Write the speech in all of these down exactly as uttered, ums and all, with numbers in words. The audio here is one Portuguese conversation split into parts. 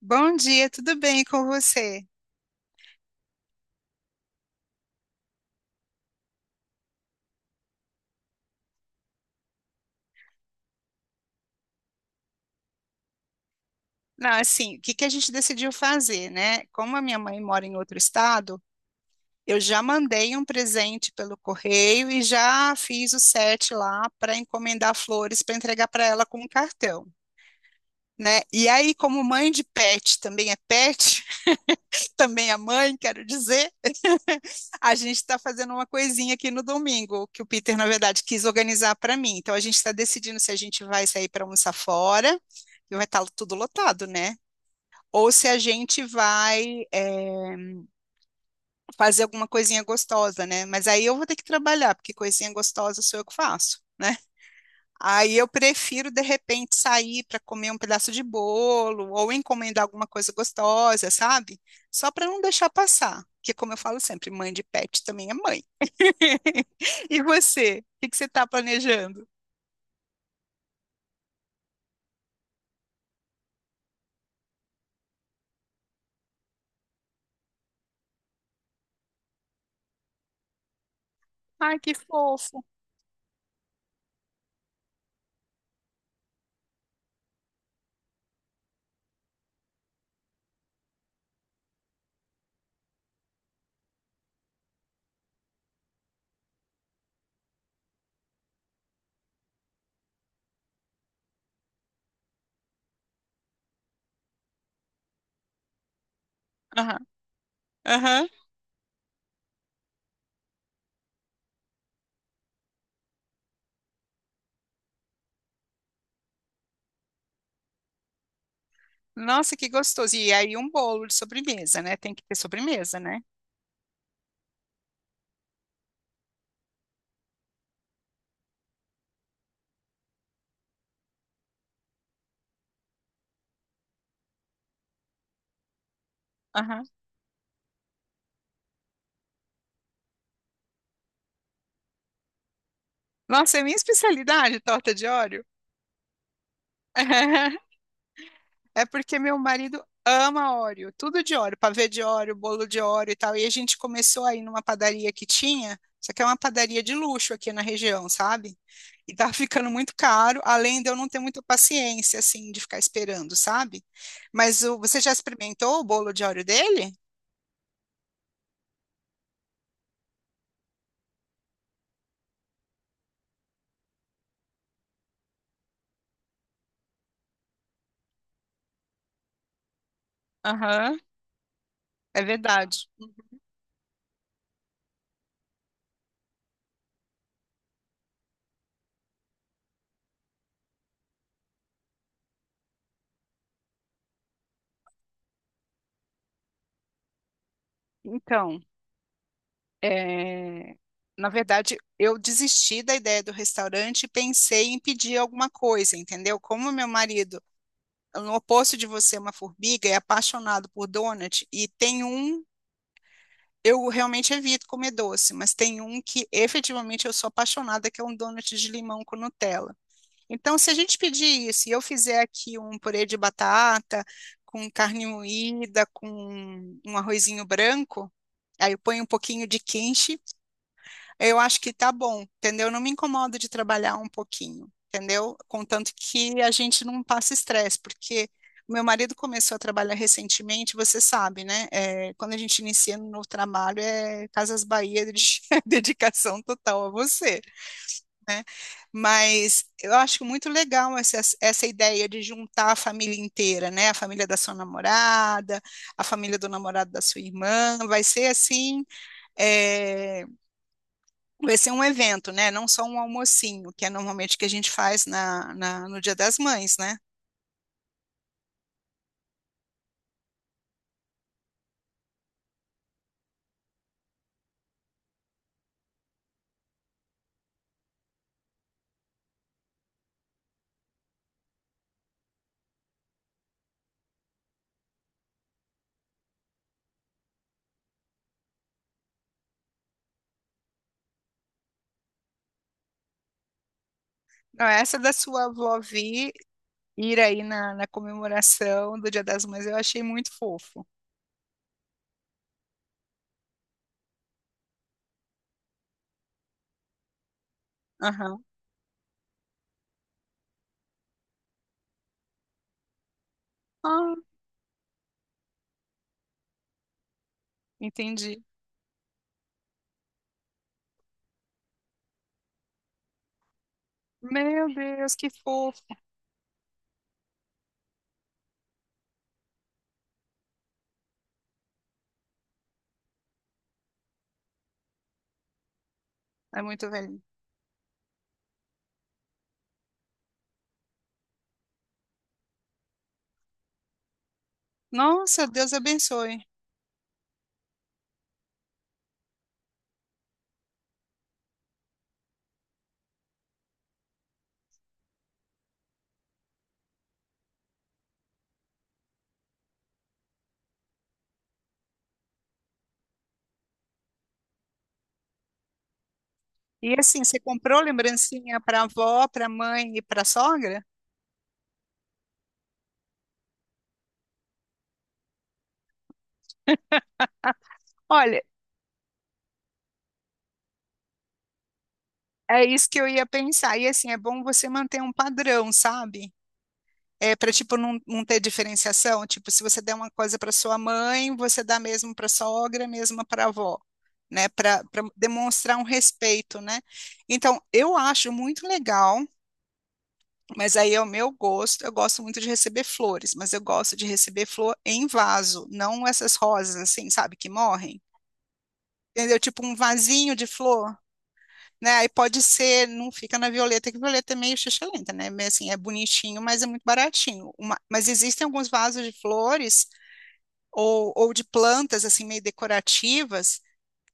Bom dia, tudo bem com você? Não, assim, o que que a gente decidiu fazer, né? Como a minha mãe mora em outro estado, eu já mandei um presente pelo correio e já fiz o set lá para encomendar flores para entregar para ela com um cartão, né? E aí, como mãe de pet, também é pet, também é mãe, quero dizer. A gente está fazendo uma coisinha aqui no domingo, que o Peter, na verdade, quis organizar para mim. Então, a gente está decidindo se a gente vai sair para almoçar fora, e vai estar tudo lotado, né? Ou se a gente vai, é, fazer alguma coisinha gostosa, né? Mas aí eu vou ter que trabalhar, porque coisinha gostosa sou eu que faço. Né? Aí eu prefiro de repente sair para comer um pedaço de bolo ou encomendar alguma coisa gostosa, sabe? Só para não deixar passar, porque como eu falo sempre, mãe de pet também é mãe. E você? O que que você está planejando? Ai, que fofo. Aham, aham. Nossa, que gostoso. E aí um bolo de sobremesa, né? Tem que ter sobremesa, né? Aham. Nossa, é minha especialidade, torta de óleo. É porque meu marido ama Oreo, tudo de Oreo, pavê de Oreo, bolo de Oreo e tal. E a gente começou aí numa padaria que tinha, só que é uma padaria de luxo aqui na região, sabe? E tá ficando muito caro, além de eu não ter muita paciência, assim, de ficar esperando, sabe? Mas o- você já experimentou o bolo de Oreo dele? Aham, é verdade. Então, é, na verdade, eu desisti da ideia do restaurante e pensei em pedir alguma coisa, entendeu? Como meu marido no oposto de você, é uma formiga, é apaixonado por donut e tem um. Eu realmente evito comer doce, mas tem um que efetivamente eu sou apaixonada, que é um donut de limão com Nutella. Então, se a gente pedir isso e eu fizer aqui um purê de batata com carne moída, com um arrozinho branco, aí eu ponho um pouquinho de quenche, eu acho que tá bom, entendeu? Não me incomodo de trabalhar um pouquinho, entendeu? Contanto que a gente não passa estresse, porque o meu marido começou a trabalhar recentemente, você sabe, né? É, quando a gente inicia no novo trabalho, é Casas Bahia, de dedicação total a você. Mas eu acho muito legal essa, essa ideia de juntar a família inteira, né? A família da sua namorada, a família do namorado da sua irmã, vai ser assim. é, Vai ser um evento, né? Não só um almocinho, que é normalmente que a gente faz na, na- no Dia das Mães, né? Não, essa da sua avó Vi ir aí na, na comemoração do Dia das Mães, eu achei muito fofo. Aham. Ah, entendi. Meu Deus, que fofo. É muito velhinho. Nossa, Deus abençoe. E assim, você comprou lembrancinha para avó, para mãe e para sogra? Olha, é isso que eu ia pensar. E assim, é bom você manter um padrão, sabe? É para tipo não, não ter diferenciação, tipo, se você der uma coisa para sua mãe, você dá mesmo para sogra, mesmo para avó, né? Para demonstrar um respeito, né? Então, eu acho muito legal, mas aí é o meu gosto. Eu gosto muito de receber flores, mas eu gosto de receber flor em vaso, não essas rosas assim, sabe, que morrem. Entendeu? Tipo um vasinho de flor, né? Aí pode ser, não fica na Violeta, que Violeta é meio xixa, né? Mas, assim, é bonitinho, mas é muito baratinho. Uma- mas existem alguns vasos de flores ou, ou de plantas, assim, meio decorativas,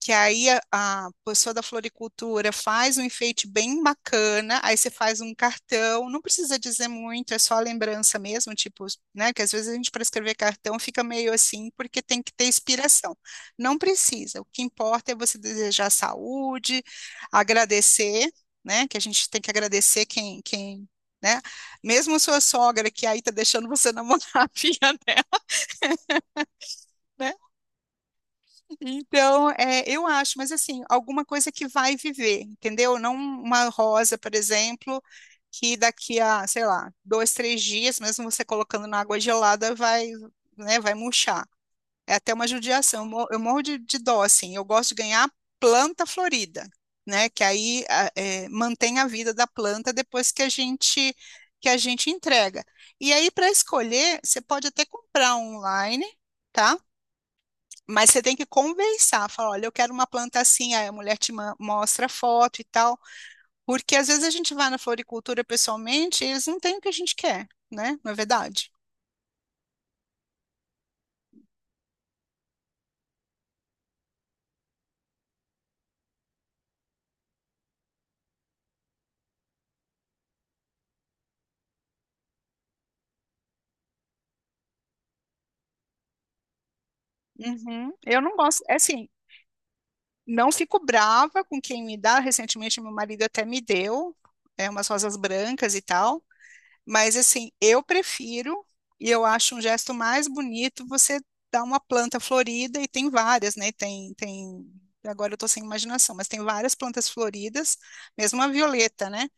que aí a, a pessoa da floricultura faz um enfeite bem bacana, aí você faz um cartão, não precisa dizer muito, é só a lembrança mesmo, tipo, né, que às vezes a gente para escrever cartão fica meio assim, porque tem que ter inspiração. Não precisa, o que importa é você desejar saúde, agradecer, né, que a gente tem que agradecer quem, quem, né, mesmo sua sogra que aí tá deixando você namorar a filha dela, né. Então, é, eu acho, mas assim, alguma coisa que vai viver, entendeu? Não uma rosa, por exemplo, que daqui a, sei lá, dois, três dias, mesmo você colocando na água gelada, vai, né, vai murchar. É até uma judiação. Eu mo- eu morro de, de dó, assim. Eu gosto de ganhar planta florida, né? Que aí a- é, mantém a vida da planta depois que a gente que a gente entrega. E aí, para escolher, você pode até comprar online, tá? Mas você tem que conversar, falar, olha, eu quero uma planta assim, aí a mulher te ma- mostra a foto e tal, porque às vezes a gente vai na floricultura pessoalmente e eles não têm o que a gente quer, né? Não é verdade? Uhum. Eu não gosto, é assim, não fico brava com quem me dá. Recentemente, meu marido até me deu, é, umas rosas brancas e tal. Mas, assim, eu prefiro e eu acho um gesto mais bonito você dar uma planta florida, e tem várias, né? Tem, tem. Agora eu tô sem imaginação, mas tem várias plantas floridas, mesmo a violeta, né?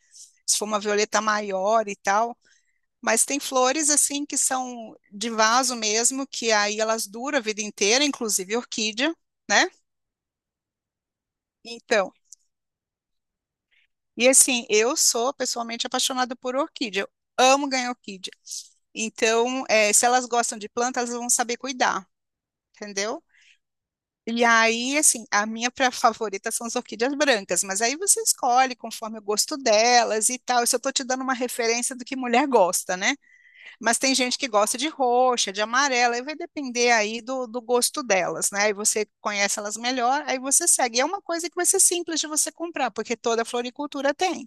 Se for uma violeta maior e tal. Mas tem flores, assim, que são de vaso mesmo, que aí elas duram a vida inteira, inclusive orquídea, né? Então. E assim, eu sou pessoalmente apaixonada por orquídea. Eu amo ganhar orquídea. Então, eh, se elas gostam de plantas, elas vão saber cuidar, entendeu? E aí, assim, a minha pra- favorita são as orquídeas brancas, mas aí você escolhe conforme o gosto delas e tal. Isso eu tô te dando uma referência do que mulher gosta, né? Mas tem gente que gosta de roxa, de amarela, e vai depender aí do, do gosto delas, né? Aí você conhece elas melhor, aí você segue. E é uma coisa que vai ser simples de você comprar, porque toda floricultura tem.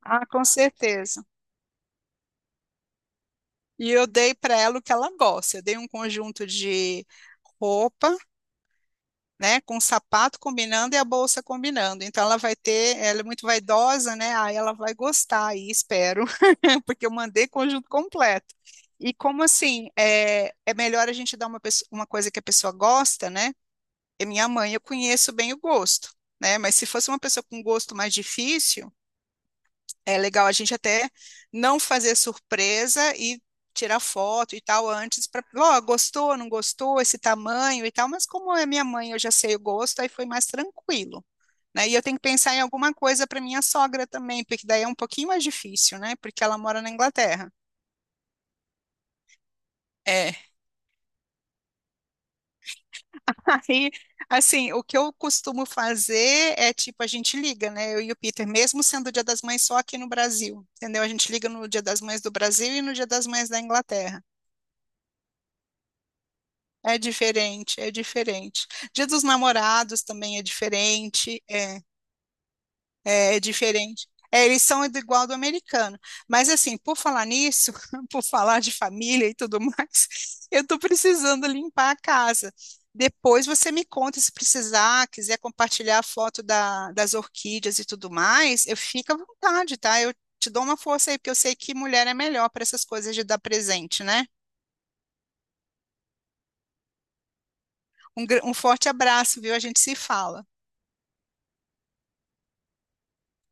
Ah, com certeza. E eu dei para ela o que ela gosta. Eu dei um conjunto de roupa, né, com sapato combinando e a bolsa combinando. Então ela vai ter, ela é muito vaidosa, né? Aí ela vai gostar aí, espero, porque eu mandei conjunto completo. E como assim, é, é melhor a gente dar uma, pesso- uma coisa que a pessoa gosta, né? E minha mãe, eu conheço bem o gosto, né? Mas se fosse uma pessoa com gosto mais difícil é legal a gente até não fazer surpresa e tirar foto e tal antes para, ó, gostou, não gostou, esse tamanho e tal, mas como é minha mãe, eu já sei o gosto, aí foi mais tranquilo, né? E eu tenho que pensar em alguma coisa para minha sogra também, porque daí é um pouquinho mais difícil, né? Porque ela mora na Inglaterra. É. Aí, assim, o que eu costumo fazer é tipo, a gente liga, né? Eu e o Peter, mesmo sendo o Dia das Mães só aqui no Brasil, entendeu? A gente liga no Dia das Mães do Brasil e no Dia das Mães da Inglaterra. É diferente, é diferente. Dia dos Namorados também é diferente, é, é, é diferente. É, eles são do- igual do americano. Mas assim, por falar nisso, por falar de família e tudo mais, eu tô precisando limpar a casa. Depois você me conta se precisar, quiser compartilhar a foto da- das orquídeas e tudo mais, eu fico à vontade, tá? Eu te dou uma força aí, porque eu sei que mulher é melhor para essas coisas de dar presente, né? Um, gr- um forte abraço, viu? A gente se fala.